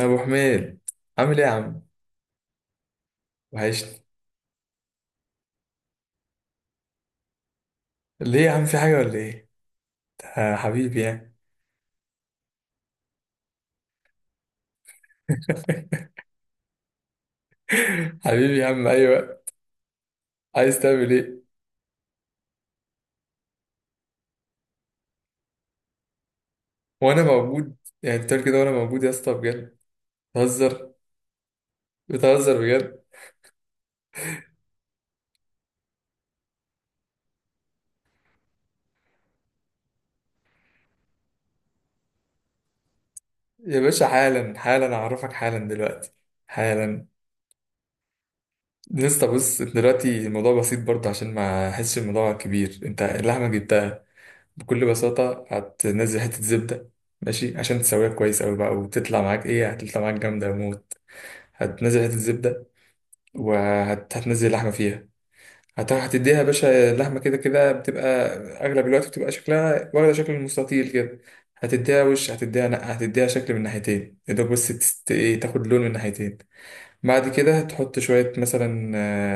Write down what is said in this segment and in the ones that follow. ابو حميد، عامل ايه يا عم؟ وحشني. ليه يا عم، في حاجه ولا ايه؟ آه حبيبي، يعني. حبيبي يا عم، ايوه. عايز تعمل ايه وانا موجود؟ يعني انت بتعمل كده وانا موجود يا اسطى بجد. بتهزر، بتهزر بجد. يا باشا حالا حالا اعرفك، حالا دلوقتي، حالا. لسه بص دلوقتي الموضوع بسيط برضه، عشان ما احسش الموضوع كبير. انت اللحمه جبتها، بكل بساطه هتنزل حته زبده. ماشي؟ عشان تسويها كويس قوي بقى وتطلع معاك ايه، هتطلع معاك جامده موت. هتنزل حته زبده وهتنزل اللحمة فيها. هتديها يا باشا، اللحمة كده كده بتبقى أغلب الوقت بتبقى شكلها واخدة شكل المستطيل كده. هتديها وش، هتديها نقع، هتديها شكل من ناحيتين، يا دوب بس تست... إيه، تاخد لون من ناحيتين. بعد كده تحط شوية مثلا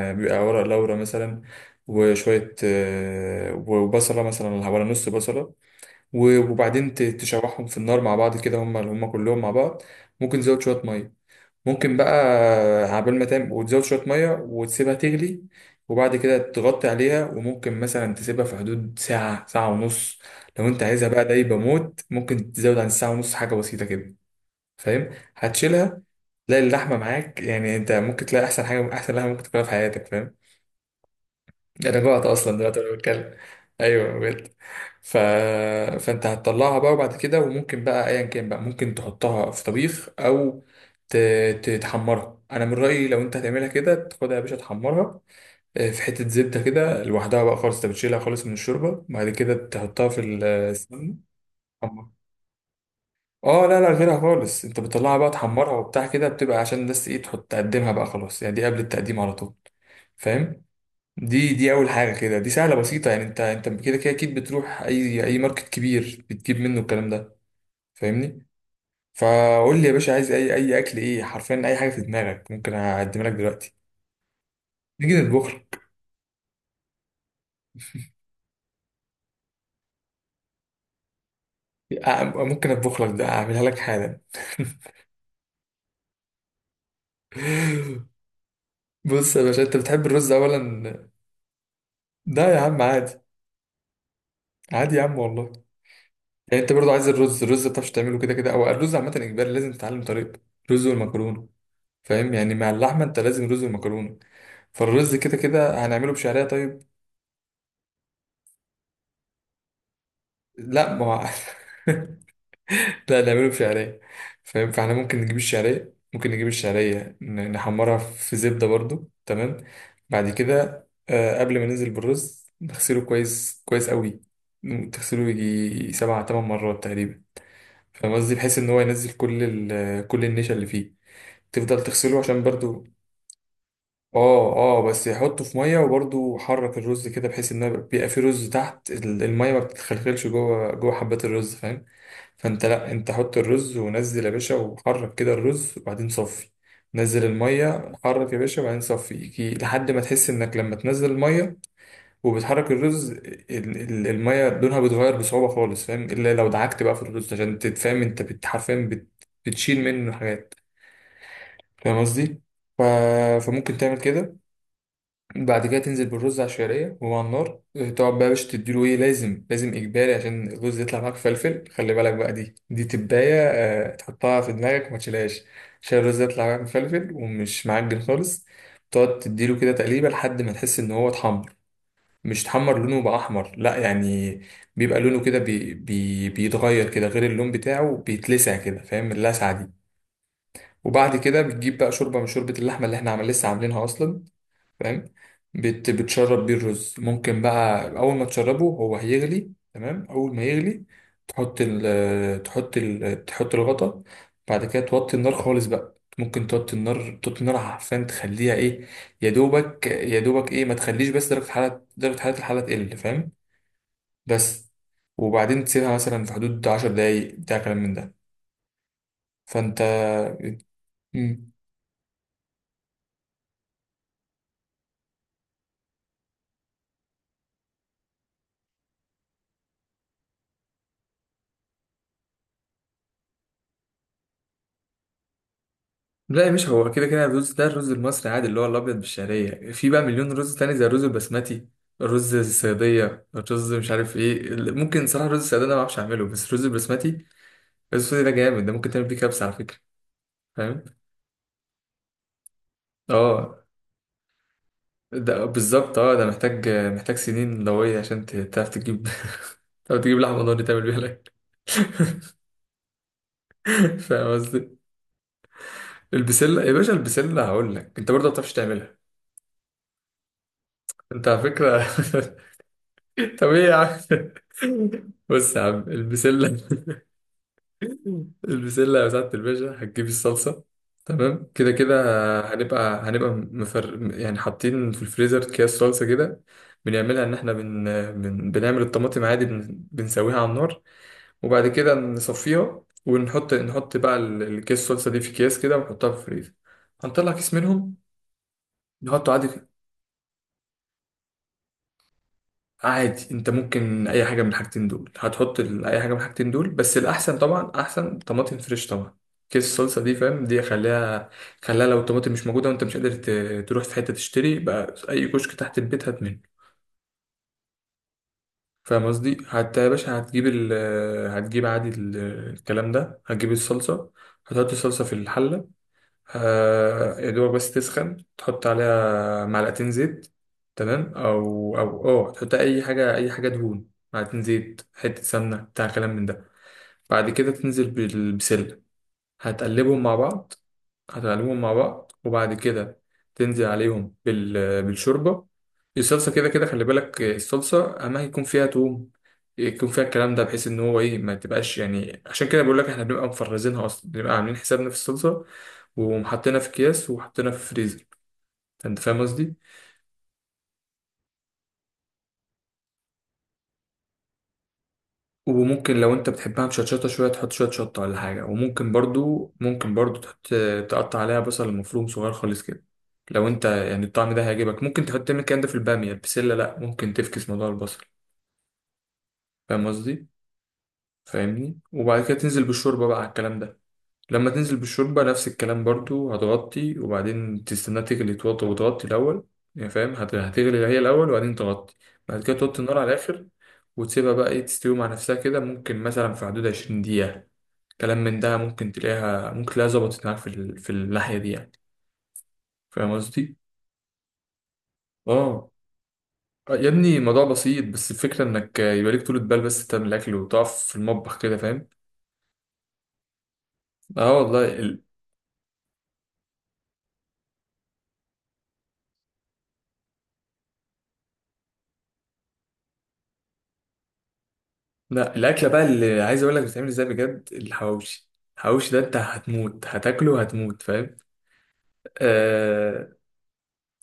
بيبقى ورق لورا مثلا، وشوية وبصلة مثلا ولا نص بصلة. وبعدين تشوحهم في النار مع بعض كده، هم كلهم مع بعض. ممكن تزود شوية مية، ممكن بقى عبال ما تعمل وتزود شوية مية وتسيبها تغلي. وبعد كده تغطي عليها، وممكن مثلا تسيبها في حدود ساعة، ساعة ونص. لو انت عايزها بقى دايبة موت، ممكن تزود عن ساعة ونص حاجة بسيطة كده. فاهم؟ هتشيلها تلاقي اللحمة معاك، يعني انت ممكن تلاقي أحسن حاجة، أحسن لحمة ممكن تاكلها في حياتك. فاهم؟ انا جوعت اصلا دلوقتي وانا بتكلم. ايوه بجد. ف... فانت هتطلعها بقى، وبعد كده وممكن بقى ايا كان بقى ممكن تحطها في طبيخ او ت... ت- تحمرها. انا من رايي لو انت هتعملها كده، تاخدها يا باشا تحمرها، في حته زبده كده لوحدها بقى خالص. انت بتشيلها خالص من الشوربه، بعد كده تحطها في السمنه، تحمرها. اه لا لا، غيرها خالص. انت بتطلعها بقى تحمرها وبتاع كده، بتبقى عشان بس ايه، تحط تقدمها بقى، خلاص يعني. دي قبل التقديم على طول. فاهم؟ دي دي اول حاجه كده، دي سهله بسيطه. يعني انت كده كده اكيد بتروح اي ماركت كبير بتجيب منه الكلام ده. فاهمني؟ فقول لي يا باشا، عايز اي اكل، ايه حرفيا، اي حاجه في دماغك ممكن اقدم لك دلوقتي. نيجي نطبخ لك. ممكن اطبخ لك ده، اعملها لك حالا. بص يا باشا، انت بتحب الرز اولا؟ ده يا عم عادي، عادي يا عم والله. يعني انت برضو عايز الرز، ما بتعرفش تعمله كده كده، او الرز عامه اجباري لازم تتعلم طريقته. رز والمكرونه، فاهم؟ يعني مع اللحمه انت لازم رز ومكرونه. فالرز كده كده هنعمله بشعرية، طيب؟ لا ما هو لا نعمله بشعرية، فاهم؟ فاحنا ممكن نجيب الشعرية، ممكن نجيب الشعرية نحمرها في زبدة برضو. تمام؟ بعد كده قبل ما ننزل بالرز نغسله كويس كويس قوي. تغسله يجي سبع تمن مرات تقريبا. فاهم قصدي؟ بحيث ان هو ينزل كل كل النشا اللي فيه. تفضل تغسله عشان برضو، اه اه، بس يحطه في ميه وبرضه حرك الرز كده، بحيث ان بيبقى فيه رز تحت الميه، ما بتتخلخلش جوه جوه حبات الرز. فاهم؟ فانت لا، انت حط الرز ونزل يا باشا، وحرك كده الرز، وبعدين صفي. نزل الميه، حرك يا باشا، وبعدين صفي، يجي لحد ما تحس انك لما تنزل الميه وبتحرك الرز، الميه لونها بيتغير بصعوبه خالص. فاهم؟ الا لو دعكت بقى في الرز عشان تتفهم انت حرفيا بتشيل منه حاجات. فاهم قصدي؟ ف- فممكن تعمل كده. بعد كده تنزل بالرز على الشعريه وهو على النار. تقعد بقى يا باشا تديله ايه، لازم لازم اجباري، عشان الرز يطلع معاك فلفل. خلي بالك بقى، دي تبايه، تحطها في دماغك وما تشيلهاش. عشان الرز يطلع معاك مفلفل ومش معجن خالص. تقعد تديله كده تقليبه لحد ما تحس ان هو اتحمر، مش اتحمر لونه بقى احمر لا يعني، بيبقى لونه كده بي بي بيتغير كده، غير اللون بتاعه، بيتلسع كده، فاهم اللسعه دي؟ وبعد كده بتجيب بقى شوربه من شوربه اللحمه اللي احنا عمل لسه عاملينها اصلا. فاهم؟ بتشرب بيه الرز. ممكن بقى اول ما تشربه هو هيغلي، تمام؟ اول ما يغلي تحط الغطا. بعد كده توطي النار خالص بقى، ممكن توطي النار، توطي النار عشان تخليها ايه، يا دوبك ايه، ما تخليش بس درجة حرارة، الحلة تقل. فاهم؟ بس. وبعدين تسيبها مثلا في حدود 10 دقايق بتاع كلام من ده. فانت مم. لا يا باشا، هو كده كده الرز ده الرز المصري عادي، اللي هو الابيض بالشعريه. في بقى مليون رز تاني زي الرز البسمتي، الرز الصياديه، الرز مش عارف ايه. ممكن صراحه الرز الصياديه ده ما بعرفش اعمله، بس الرز البسمتي، الرز البسمتي ده جامد، ده ممكن تعمل بيه كبسه على فكره. فاهم؟ اه ده بالظبط، اه ده محتاج سنين لويه عشان تعرف تجيب تعرف تجيب لحمه ضاني تعمل بيها الاكل. فاهم قصدي؟ البسله يا باشا، البسله هقول لك انت برضه ما بتعرفش تعملها. انت على فكره طب ايه يا عم. بص يا عم البسله، البسلة بتاعت الباشا هتجيبي الصلصة. تمام؟ كده كده هنبقى مفر يعني، حاطين في الفريزر اكياس صلصة كده. بنعملها إن إحنا بنعمل الطماطم عادي، بنسويها على النار. وبعد كده نصفيها، ونحط بقى الكيس الصلصة دي في أكياس كده، ونحطها في الفريزر. هنطلع كيس منهم، نحطه عادي. عادي، انت ممكن اي حاجه من الحاجتين دول. هتحط اي حاجه من الحاجتين دول، بس الاحسن طبعا، احسن طماطم فريش طبعا. كيس الصلصه دي فاهم، دي خليها. خليها لو الطماطم مش موجوده وانت مش قادر تروح في حته تشتري بقى، اي كشك تحت البيت هات منه. فاهم قصدي؟ حتى يا باشا هتجيب عادي الكلام ده، هتجيب الصلصه، هتحط الصلصه في الحله. يا دوبك بس تسخن، تحط عليها معلقتين زيت. تمام؟ او او تحط اي حاجه، اي حاجه دهون، معلقتين زيت، حته سمنه، بتاع كلام من ده. بعد كده تنزل بالبسله، هتقلبهم مع بعض. هتقلبهم مع بعض، وبعد كده تنزل عليهم بالشوربة. الصلصة كده كده، خلي بالك، الصلصة أما يكون فيها توم، يكون فيها الكلام ده، بحيث إن هو إيه، ما تبقاش يعني. عشان كده بقول لك إحنا بنبقى مفرزينها أصلا، بنبقى عاملين حسابنا في الصلصة ومحطينها في أكياس وحطينها في الفريزر. أنت فاهم قصدي؟ وممكن لو انت بتحبها مشطشطة شوية، تحط شوية شطة ولا حاجة. وممكن برضو، ممكن برضو تحط، تقطع عليها بصل مفروم صغير خالص كده، لو انت يعني الطعم ده هيعجبك. ممكن تحط تعمل الكلام ده في البامية، البسلة لأ، ممكن تفكس موضوع البصل. فاهم قصدي؟ فاهمني؟ وبعد كده تنزل بالشوربة بقى على الكلام ده. لما تنزل بالشوربة نفس الكلام برضو، هتغطي وبعدين تستناها تغلي، توطي وتغطي الأول. يعني فاهم، هتغلي هي الأول وبعدين تغطي، بعد كده توطي النار على الآخر. وتسيبها بقى إيه تستوي مع نفسها كده. ممكن مثلا في حدود 20 دقيقة كلام من ده. ممكن تلاقيها، ممكن تلاقيها ظبطت معاك في في الناحية دي يعني. فاهم قصدي؟ اه. آه يا ابني الموضوع بسيط، بس الفكرة انك يبقى ليك طولة بال بس، تعمل الأكل وتقف في المطبخ كده. فاهم؟ اه والله. لا الاكله بقى اللي عايز اقول لك بتتعمل ازاي بجد، الحواوشي. الحواوشي ده انت هتموت، هتاكله هتموت. فاهم؟ اه.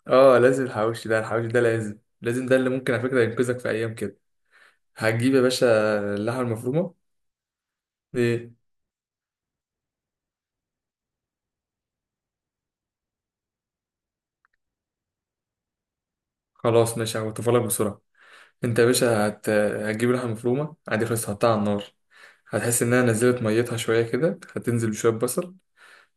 اه لازم، الحواوشي ده، الحواوشي ده لازم لازم، ده اللي ممكن على فكره ينقذك في ايام كده. هتجيب يا باشا اللحمه المفرومه. ايه، خلاص ماشي هقطفها لك بسرعه. انت يا باشا هتجيب اللحمه المفرومه عادي خلاص، هتحطها على النار. هتحس انها نزلت ميتها شويه كده، هتنزل بشويه بصل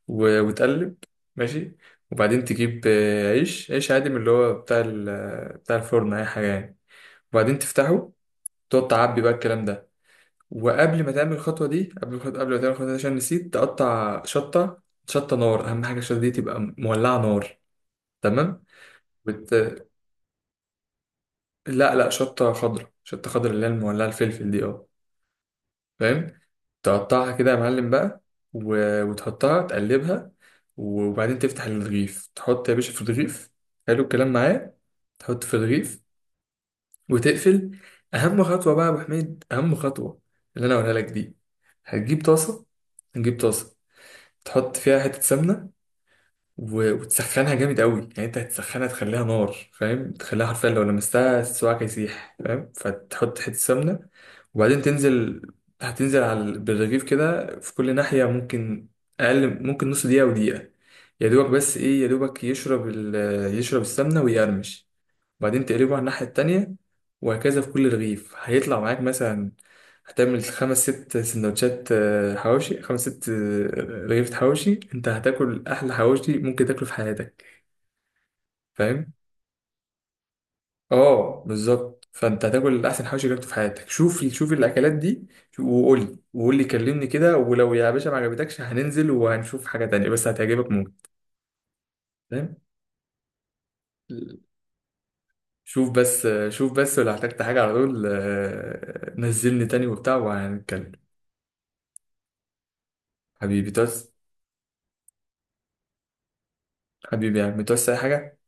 وتقلب. ماشي. وبعدين تجيب عيش، عيش عادي من اللي هو بتاع بتاع الفرن، اي حاجه يعني. وبعدين تفتحه، تقعد تعبي بقى الكلام ده. وقبل ما تعمل الخطوه دي، قبل ما تعمل الخطوه دي، عشان نسيت تقطع شطه. شطه نار، اهم حاجه الشطه دي تبقى مولعه نار. تمام؟ وت... لا لا شطه خضراء، شطه خضراء اللي هي المولعه، الفلفل دي، اه. فاهم؟ تقطعها كده يا معلم بقى، وتحطها تقلبها. وبعدين تفتح الرغيف، تحط يا باشا في الرغيف. حلو الكلام معايا؟ تحط في الرغيف وتقفل. اهم خطوه بقى يا ابو حميد، اهم خطوه اللي انا هقولها لك دي. هتجيب طاسه، هتجيب طاسه تحط فيها حته سمنه وتسخنها جامد قوي. يعني انت هتسخنها تخليها نار، فاهم؟ تخليها حرفيا لو لمستها صباعك هيسيح. فاهم؟ فتحط حتة سمنة، وبعدين تنزل، هتنزل على بالرغيف كده في كل ناحية ممكن. أقل ممكن نص دقيقة، ودقيقة، يا دوبك بس إيه، يا دوبك يشرب يشرب السمنة ويقرمش. وبعدين تقلبه على الناحية التانية، وهكذا في كل رغيف. هيطلع معاك مثلا، هتعمل خمس ست سندوتشات حواوشي، خمس ست رغيف حواوشي. انت هتاكل احلى حواوشي ممكن تاكله في حياتك. فاهم؟ اه بالظبط، فانت هتاكل احسن حواوشي جربته في حياتك. شوف شوف الاكلات دي، وقول لي، وقول لي كلمني كده. ولو يا باشا ما عجبتكش، هننزل وهنشوف حاجة تانية، بس هتعجبك موت. فاهم؟ شوف بس، شوف بس لو احتجت حاجة على طول، نزلني تاني وبتاع وهنتكلم. حبيبي، تعوز حبيبي يعني متوسع أي حاجة.